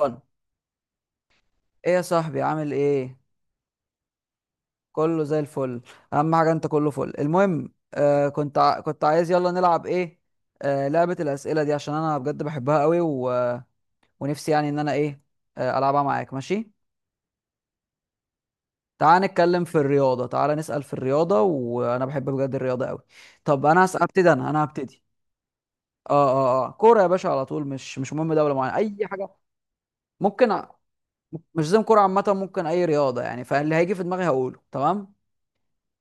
ايه يا صاحبي عامل ايه؟ كله زي الفل. اهم حاجه انت كله فل. المهم كنت كنت عايز، يلا نلعب ايه؟ لعبه الاسئله دي، عشان انا بجد بحبها قوي ونفسي يعني ان انا ايه، العبها معاك ماشي. تعال نتكلم في الرياضه، تعال نسال في الرياضه، وانا بحب بجد الرياضه قوي. طب انا هبتدي، انا هبتدي. اه كوره يا باشا على طول، مش مهم دوله معينه، اي حاجه. ممكن ع- مش لازم كوره، عامه ممكن اي رياضه يعني، فاللي هيجي في دماغي هقوله، تمام.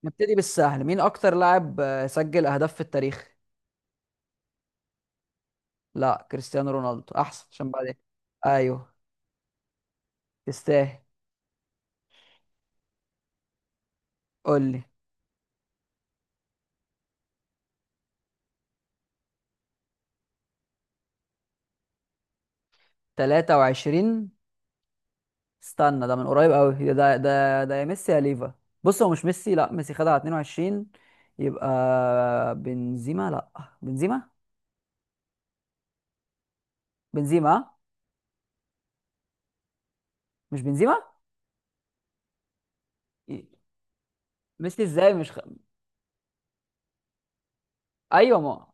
نبتدي بالسهل، مين اكتر لاعب سجل اهداف في التاريخ؟ لا كريستيانو رونالدو احسن، عشان بعدين. ايوه، تستاهل. قول لي. 23؟ استنى ده من قريب قوي، ده يا ميسي يا ليفا. بص هو مش ميسي، لا ميسي خدها على 22، يبقى بنزيما، لا بنزيما، بنزيما ها؟ مش بنزيما. ميسي ازاي؟ مش خ... ايوه ما.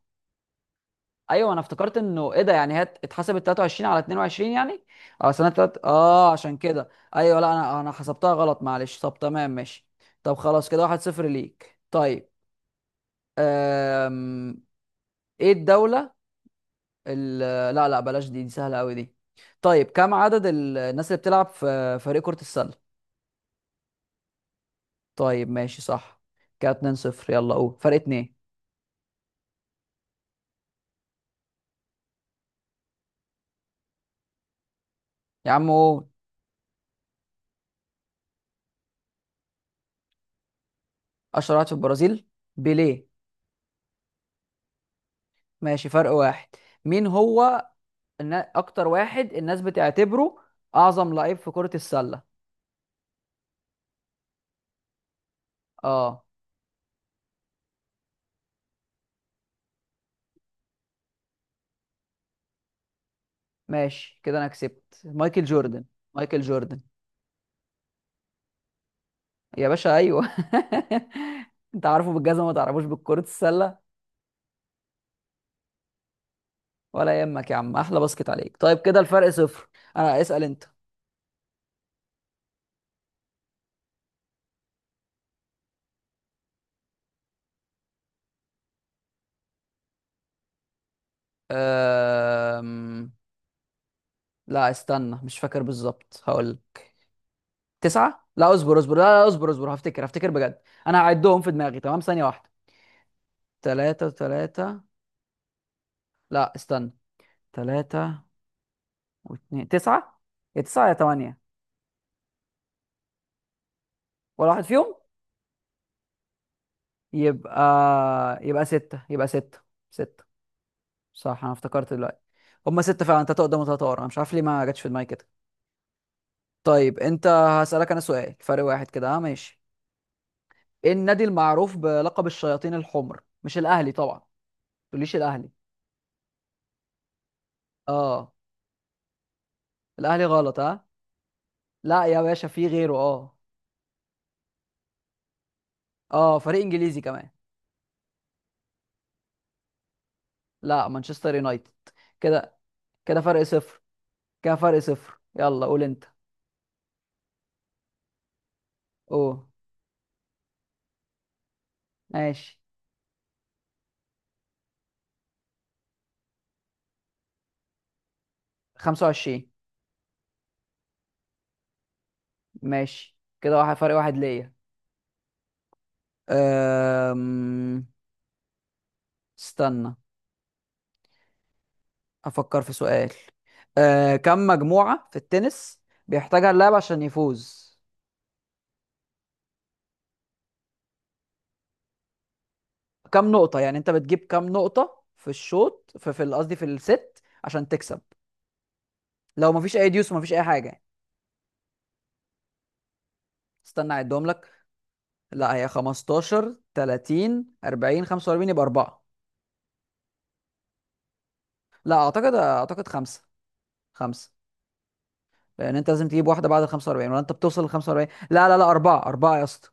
ايوه انا افتكرت انه ايه ده، يعني هي اتحسبت 23 على 22 يعني، اه سنه تلات، اه عشان كده. ايوه لا، انا حسبتها غلط معلش، طب تمام ماشي. طب خلاص كده واحد صفر ليك طيب. أم... ايه الدوله ال... لا لا بلاش دي، دي سهله قوي دي. طيب كم عدد الناس اللي بتلعب في فريق كره السله؟ طيب ماشي صح، كده 2 0، يلا قول، فرق اتنين. يا عم قول. اشهر واحد في البرازيل؟ بيليه. ماشي، فرق واحد. مين هو ان اكتر واحد الناس بتعتبره اعظم لعيب في كرة السلة؟ اه، ماشي كده انا كسبت، مايكل جوردن. مايكل جوردن. يا باشا ايوه انت عارفه بالجزمة، ما تعرفوش بكرة السلة؟ ولا يهمك يا عم، احلى باسكت عليك. طيب كده الفرق صفر، انا اسأل انت. أم... لا استنى مش فاكر بالظبط، هقول لك. تسعة، لا اصبر اصبر، لا لا، اصبر اصبر، هفتكر هفتكر بجد، انا هعدهم في دماغي، تمام ثانية واحدة. تلاتة تلاتة، لا استنى، تلاتة واتنين تسعة، يا تسعة يا تمانية. ولا واحد فيهم. يبقى، يبقى ستة، يبقى ستة، ستة. صح أنا افتكرت دلوقتي، هما ستة فعلا، تلاتة قدام وتلاتة ورا، أنا مش عارف ليه ما جاتش في دماغي كده. طيب أنت، هسألك أنا سؤال فرق واحد كده، أه ماشي. إيه النادي المعروف بلقب الشياطين الحمر؟ مش الأهلي طبعا، ما تقوليش الأهلي. أه، الأهلي غلط، أه. لا يا باشا في غيره، أه. أه فريق إنجليزي كمان. لا مانشستر يونايتد. كده كده فرق صفر، كده فرق صفر، يلا قول أنت. قول. ماشي. 25. ماشي كده واحد، فرق واحد ليا. أم... استنى افكر في سؤال. كم مجموعة في التنس بيحتاجها اللاعب عشان يفوز؟ كم نقطة يعني انت بتجيب، كم نقطة في الشوط، في قصدي في الست عشان تكسب؟ لو مفيش اي ديوس ومفيش اي حاجة يعني. استنى اعدهم لك. لا هي 15، 30، 40، 45، يبقى 4. لا اعتقد، اعتقد 5. 5. لان انت لازم تجيب واحده بعد ال 45، ولا انت بتوصل لل 45، لا لا لا اربعه اربعه يا اسطى.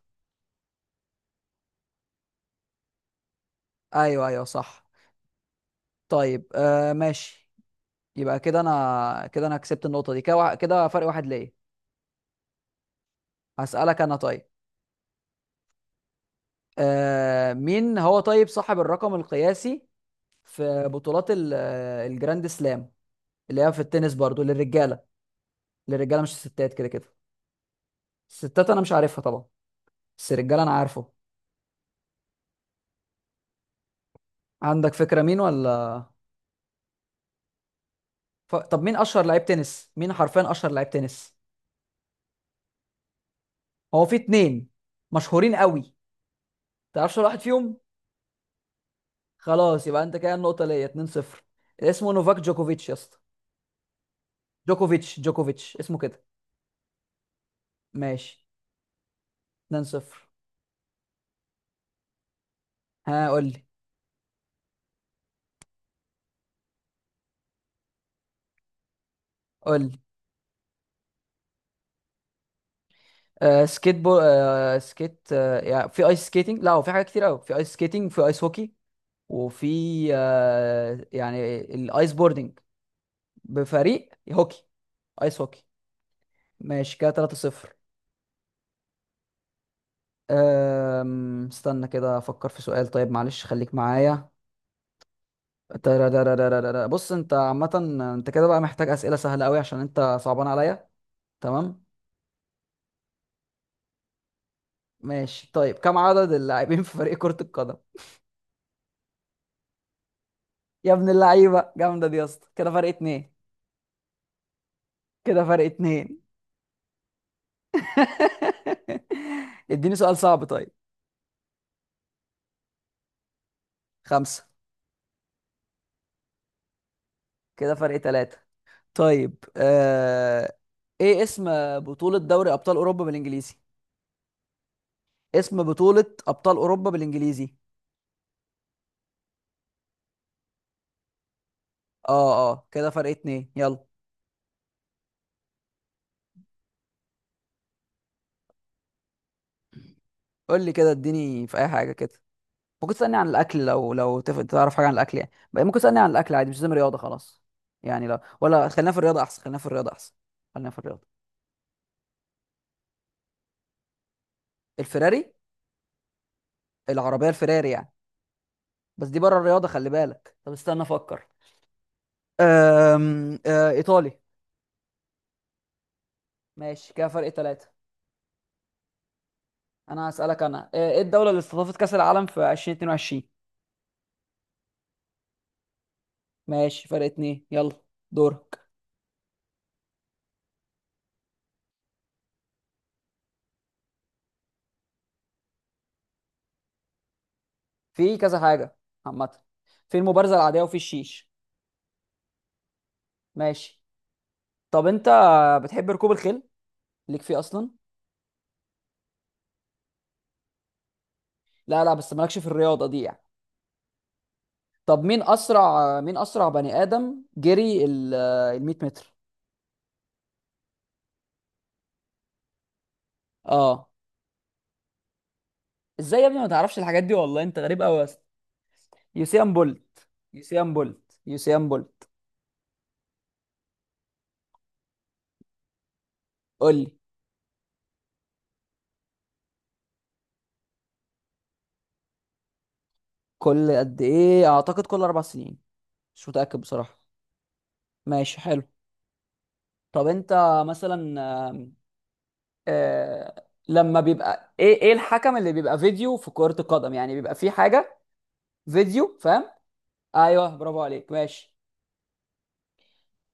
ايوه ايوه صح. طيب آه ماشي. يبقى كده انا، كده انا كسبت النقطه دي، كده فرق واحد ليا. هسالك انا طيب. مين هو طيب صاحب الرقم القياسي في بطولات الجراند سلام، اللي هي في التنس برضو للرجاله، للرجاله مش الستات، كده كده. الستات انا مش عارفها طبعا، بس الرجاله انا عارفه. عندك فكره مين ولا؟ طب مين اشهر لعيب تنس، مين حرفيا اشهر لعيب تنس؟ هو في اتنين مشهورين قوي، تعرفش ولا واحد فيهم؟ خلاص يبقى انت كده، النقطه ليا 2-0. اسمه نوفاك جوكوفيتش يا اسطى. جوكوفيتش، جوكوفيتش اسمه كده. ماشي. 2-0. ها قول لي. قول لي. سكيت بو، سكيت، يعني في ايس سكيتنج، لا هو في حاجات كتير قوي، في ايس سكيتنج، في ايس هوكي، وفي يعني الايس بوردنج. بفريق؟ هوكي، ايس هوكي. ماشي كده 3-0. استنى كده افكر في سؤال، طيب معلش خليك معايا. ترارارارارارا. بص انت عامة، انت كده بقى محتاج اسئلة سهلة قوي، عشان انت صعبان عليا. تمام ماشي. طيب كم عدد اللاعبين في فريق كرة القدم؟ يا ابن اللعيبة، جامدة دي يا اسطى، كده فرق اتنين، كده فرق اتنين. اديني سؤال صعب طيب. خمسة. كده فرق تلاتة. طيب ايه اسم بطولة دوري ابطال اوروبا بالانجليزي؟ اسم بطولة ابطال اوروبا بالانجليزي. اه اه، كده فرق اتنين يلا. قول لي كده، اديني في اي حاجة كده. ممكن تسألني عن الأكل، لو لو تعرف حاجة عن الأكل يعني بقى، ممكن تسألني عن الأكل عادي، مش لازم رياضة خلاص. يعني لا، ولا خلينا في الرياضة أحسن، خلينا في الرياضة أحسن، خلينا في الرياضة. الفراري؟ العربية الفراري يعني. بس دي بره الرياضة، خلي بالك، طب استنى أفكر. أم... آه، إيطالي. ماشي كده فرق ثلاثة. أنا هسألك أنا، إيه الدولة اللي استضافت كأس العالم في 2022؟ ماشي، فرق اتنين يلا، دورك. في كذا حاجة عامة، في المبارزة العادية، وفي الشيش. ماشي. طب أنت بتحب ركوب الخيل، ليك فيه أصلا؟ لا لا بس مالكش في الرياضه دي يعني؟ طب مين اسرع، مين اسرع بني ادم جري ال ال 100 متر؟ اه. ازاي يا ابني ما تعرفش الحاجات دي، والله انت غريب قوي يا اسطى. يوسين بولت. يوسين بولت، يوسين بولت. قول لي. كل قد ايه؟ اعتقد كل اربع سنين، مش متاكد بصراحه. ماشي حلو. طب انت مثلا، آم، آه لما بيبقى ايه، ايه الحكم اللي بيبقى فيديو في كرة القدم يعني، بيبقى في حاجة فيديو فاهم؟ ايوه برافو عليك ماشي.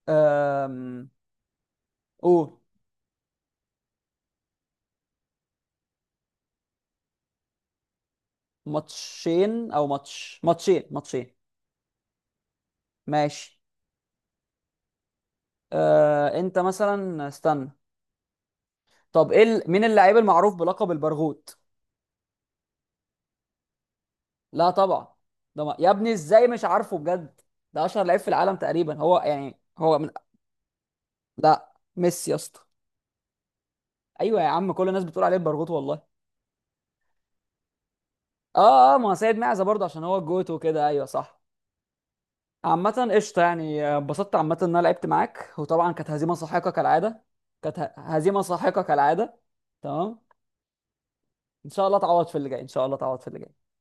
أم... قول. ماتشين او ماتش، ماتشين ماتشين. ماشي. انت مثلا استنى، طب ايه مين اللاعب المعروف بلقب البرغوت؟ لا طبعا. ده ما... يا ابني ازاي مش عارفه بجد، ده اشهر لعيب في العالم تقريبا، هو يعني لا ميسي يا اسطى. ايوه يا عم، كل الناس بتقول عليه البرغوت والله. اه اه، ما هو سيد معزه برضه، عشان هو الجوت وكده، ايوه صح. عامة قشطة يعني، اتبسطت عامة ان انا لعبت معاك، وطبعا كانت هزيمة ساحقة كالعادة. كانت هزيمة ساحقة كالعادة، تمام. ان شاء الله تعوض في اللي جاي، ان شاء الله تعوض في اللي جاي.